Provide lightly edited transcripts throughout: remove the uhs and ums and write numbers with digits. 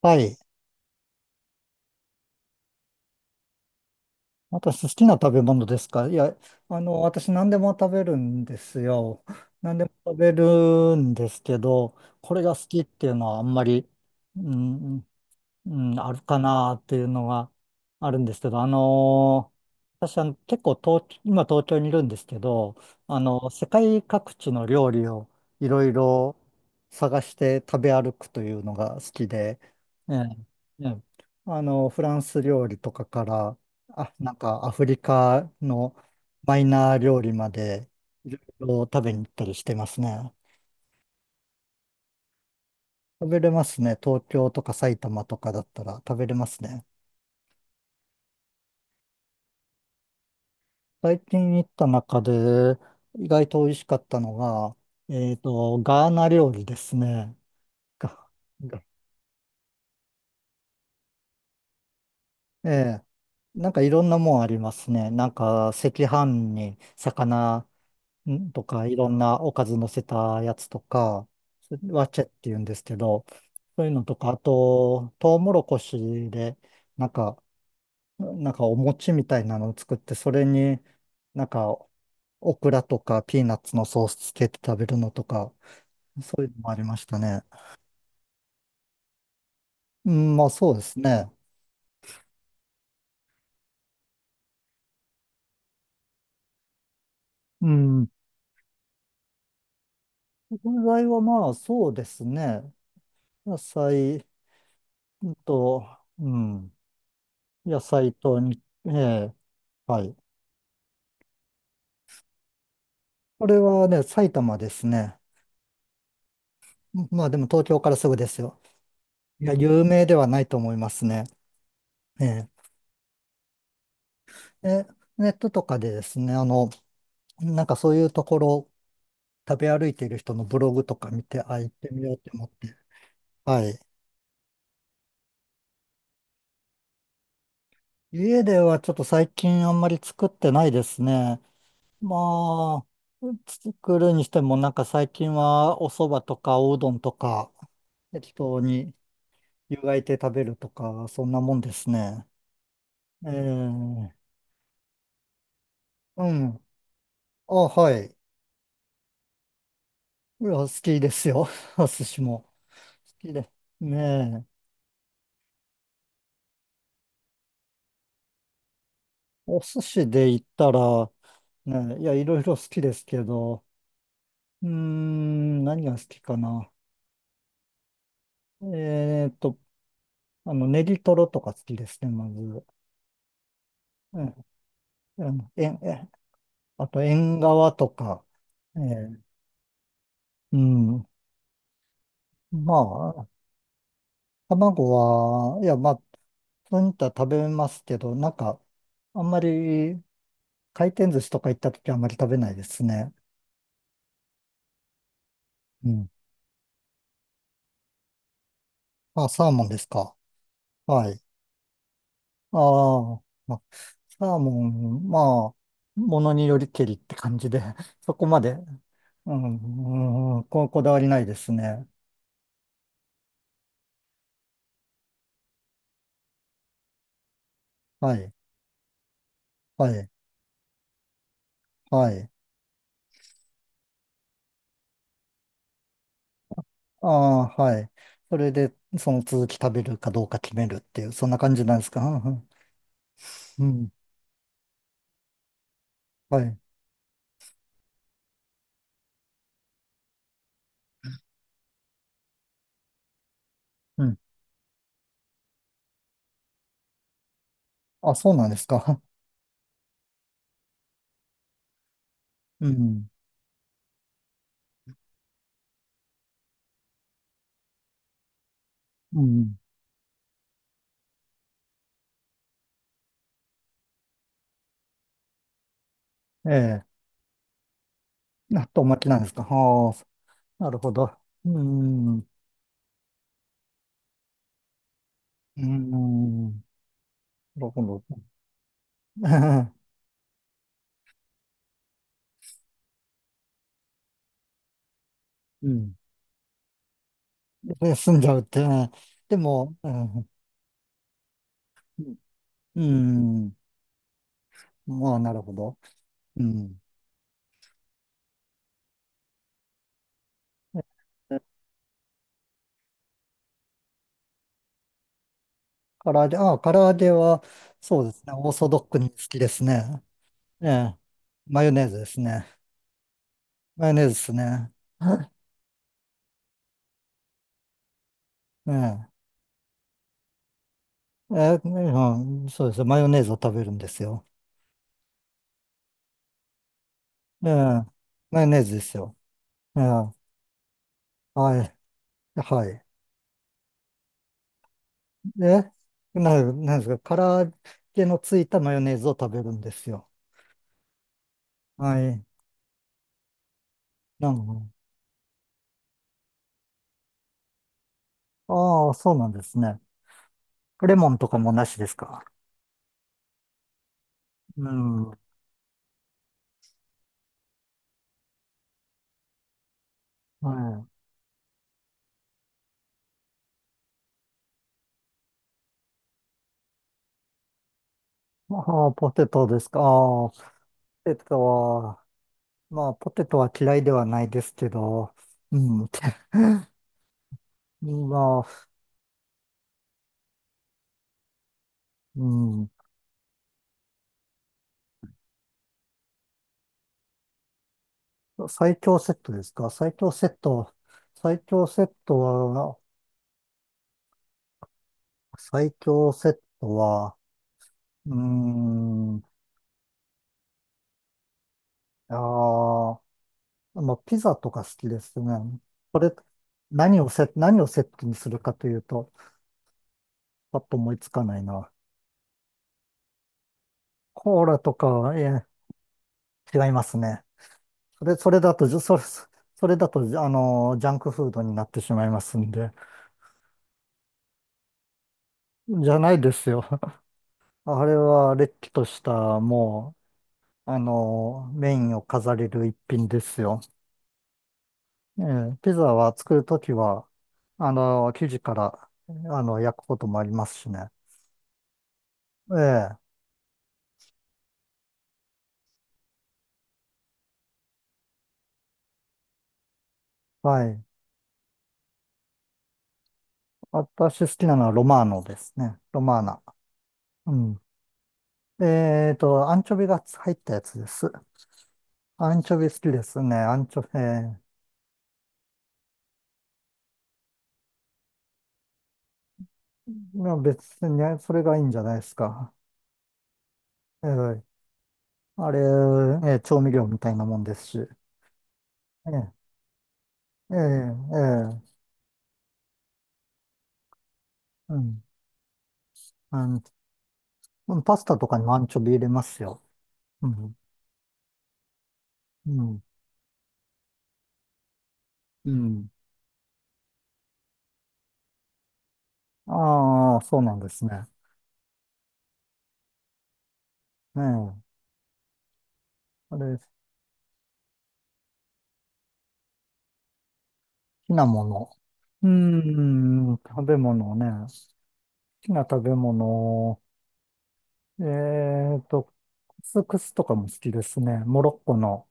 はい。私、好きな食べ物ですか？いや、私、何でも食べるんですよ。何でも食べるんですけど、これが好きっていうのはあんまり、うん、うん、あるかなっていうのがあるんですけど、私は結構今東京にいるんですけど、世界各地の料理をいろいろ探して食べ歩くというのが好きで、ええ、ええ、フランス料理とかから、あ、なんかアフリカのマイナー料理までいろいろ食べに行ったりしてますね。食べれますね。東京とか埼玉とかだったら食べれますね。最近行った中で意外と美味しかったのが、ガーナ料理ですね。ががええ、なんかいろんなもんありますね。なんか赤飯に魚んとかいろんなおかず乗せたやつとか、それワチェって言うんですけど、そういうのとか、あと、トウモロコシで、なんか、なんかお餅みたいなのを作って、それになんかオクラとかピーナッツのソースつけて食べるのとか、そういうのもありましたね。うん、まあそうですね。うん。食材はまあそうですね。野菜と、うん。野菜とに、ええ、はい。これはね、埼玉ですね。まあでも東京からすぐですよ。いや、有名ではないと思いますね。ええ。え、ネットとかでですね、なんかそういうところ、食べ歩いている人のブログとか見て、あ、行ってみようって思って。はい。家ではちょっと最近あんまり作ってないですね。まあ、作るにしても、なんか最近はお蕎麦とかおうどんとか、適当に湯がいて食べるとか、そんなもんですね。ええ、うん。あ、はい。いや、好きですよ。お寿司も。好きで。ねえ。お寿司で言ったら、ねえ、いや、いろいろ好きですけど、うーん、何が好きかな。えーっと、ネギトロとか好きですね、まず。うん、うん、あと、縁側とか、えーうん。まあ、卵は、いや、まあ、そういったら食べますけど、なんか、あんまり、回転寿司とか行った時はあんまり食べないですね。うん。あ、サーモンですか？はい。ああ、まあ、サーモン、まあ、ものによりけりって感じで、そこまで、うん、うん、こだわりないですね。はい、はい、はい。ああ、はい。それで、その続き食べるかどうか決めるっていう、そんな感じなんですか？うん、うん。はい。うん。あ、そうなんですか？うん。うん。ええ。納豆巻きなんですか？ああ、なるほど。うん。うん。なるほど。うん。で、済んじゃうって、ね。でも、うん。うん。まあ、なるほど。うん。唐揚げ、ああ、唐揚げは、そうですね。オーソドックに好きですね。ええ、マヨネーズですね。マヨネーズですね。ええ、ええ、うん、そうですよ。マヨネーズを食べるんですよ。ええ、マヨネーズですよ。ええ、はい、はい。で、な、なんですか、揚げのついたマヨネーズを食べるんですよ。はい。なんか、ああ、そうなんですね。レモンとかもなしですか？うん。はい。ああ、ポテトですか？ああ、ポテトは、まあ、ポテトは嫌いではないですけど、うん。まあ、うん。最強セットですか？最強セット。最強セットは、最強セットは、うーん、ああ、まあ、ピザとか好きですね。これ、何をセットにするかというと、パッと思いつかないな。コーラとかは、違いますね。それ、それだと、じゃそれ、それだと、じゃあの、ジャンクフードになってしまいますんで。じゃないですよ。あれは、れっきとした、もう、メインを飾れる一品ですよ。ええ、ピザは作るときは、生地から、焼くこともありますしね。ええ、はい。私好きなのはロマーノですね。ロマーナ。うん。アンチョビが入ったやつです。アンチョビ好きですね。アンチョ、ええ、まあ別にね、それがいいんじゃないですか？ええ、あれ、ええ、調味料みたいなもんですし。ええ、ええ、ええ、うん。アンうんパスタとかにもアンチョビ入れますよ。うん。うん。うん。ああ、そうなんですね。ねえ。あれ、好きなもの。うーん、食べ物ね。好きな食べ物。えクスクスとかも好きですね。モロッコの、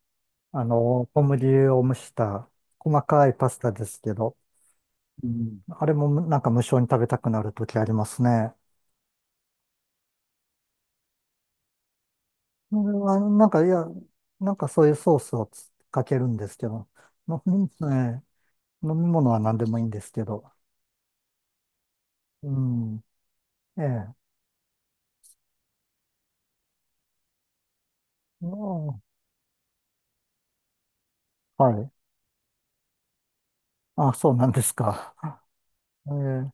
小麦を蒸した細かいパスタですけど、うん、あれもなんか無性に食べたくなるときありますね。それはなんか、いや、なんかそういうソースをつかけるんですけど、飲み、ええ飲み物は何でもいいんですけど、うん、ええ、うん、はい。あ、そうなんですか？ええ、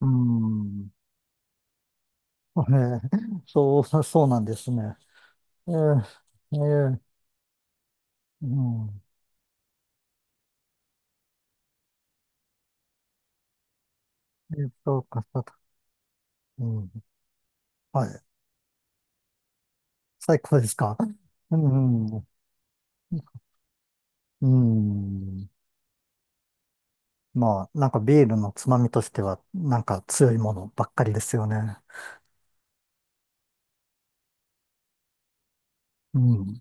うん、ええ、そうなんですね。ええ、ええ、うん、えっと、かさ、うん、はい。最高ですか？うん、うん、まあ、なんかビールのつまみとしては、なんか強いものばっかりですよね。うん。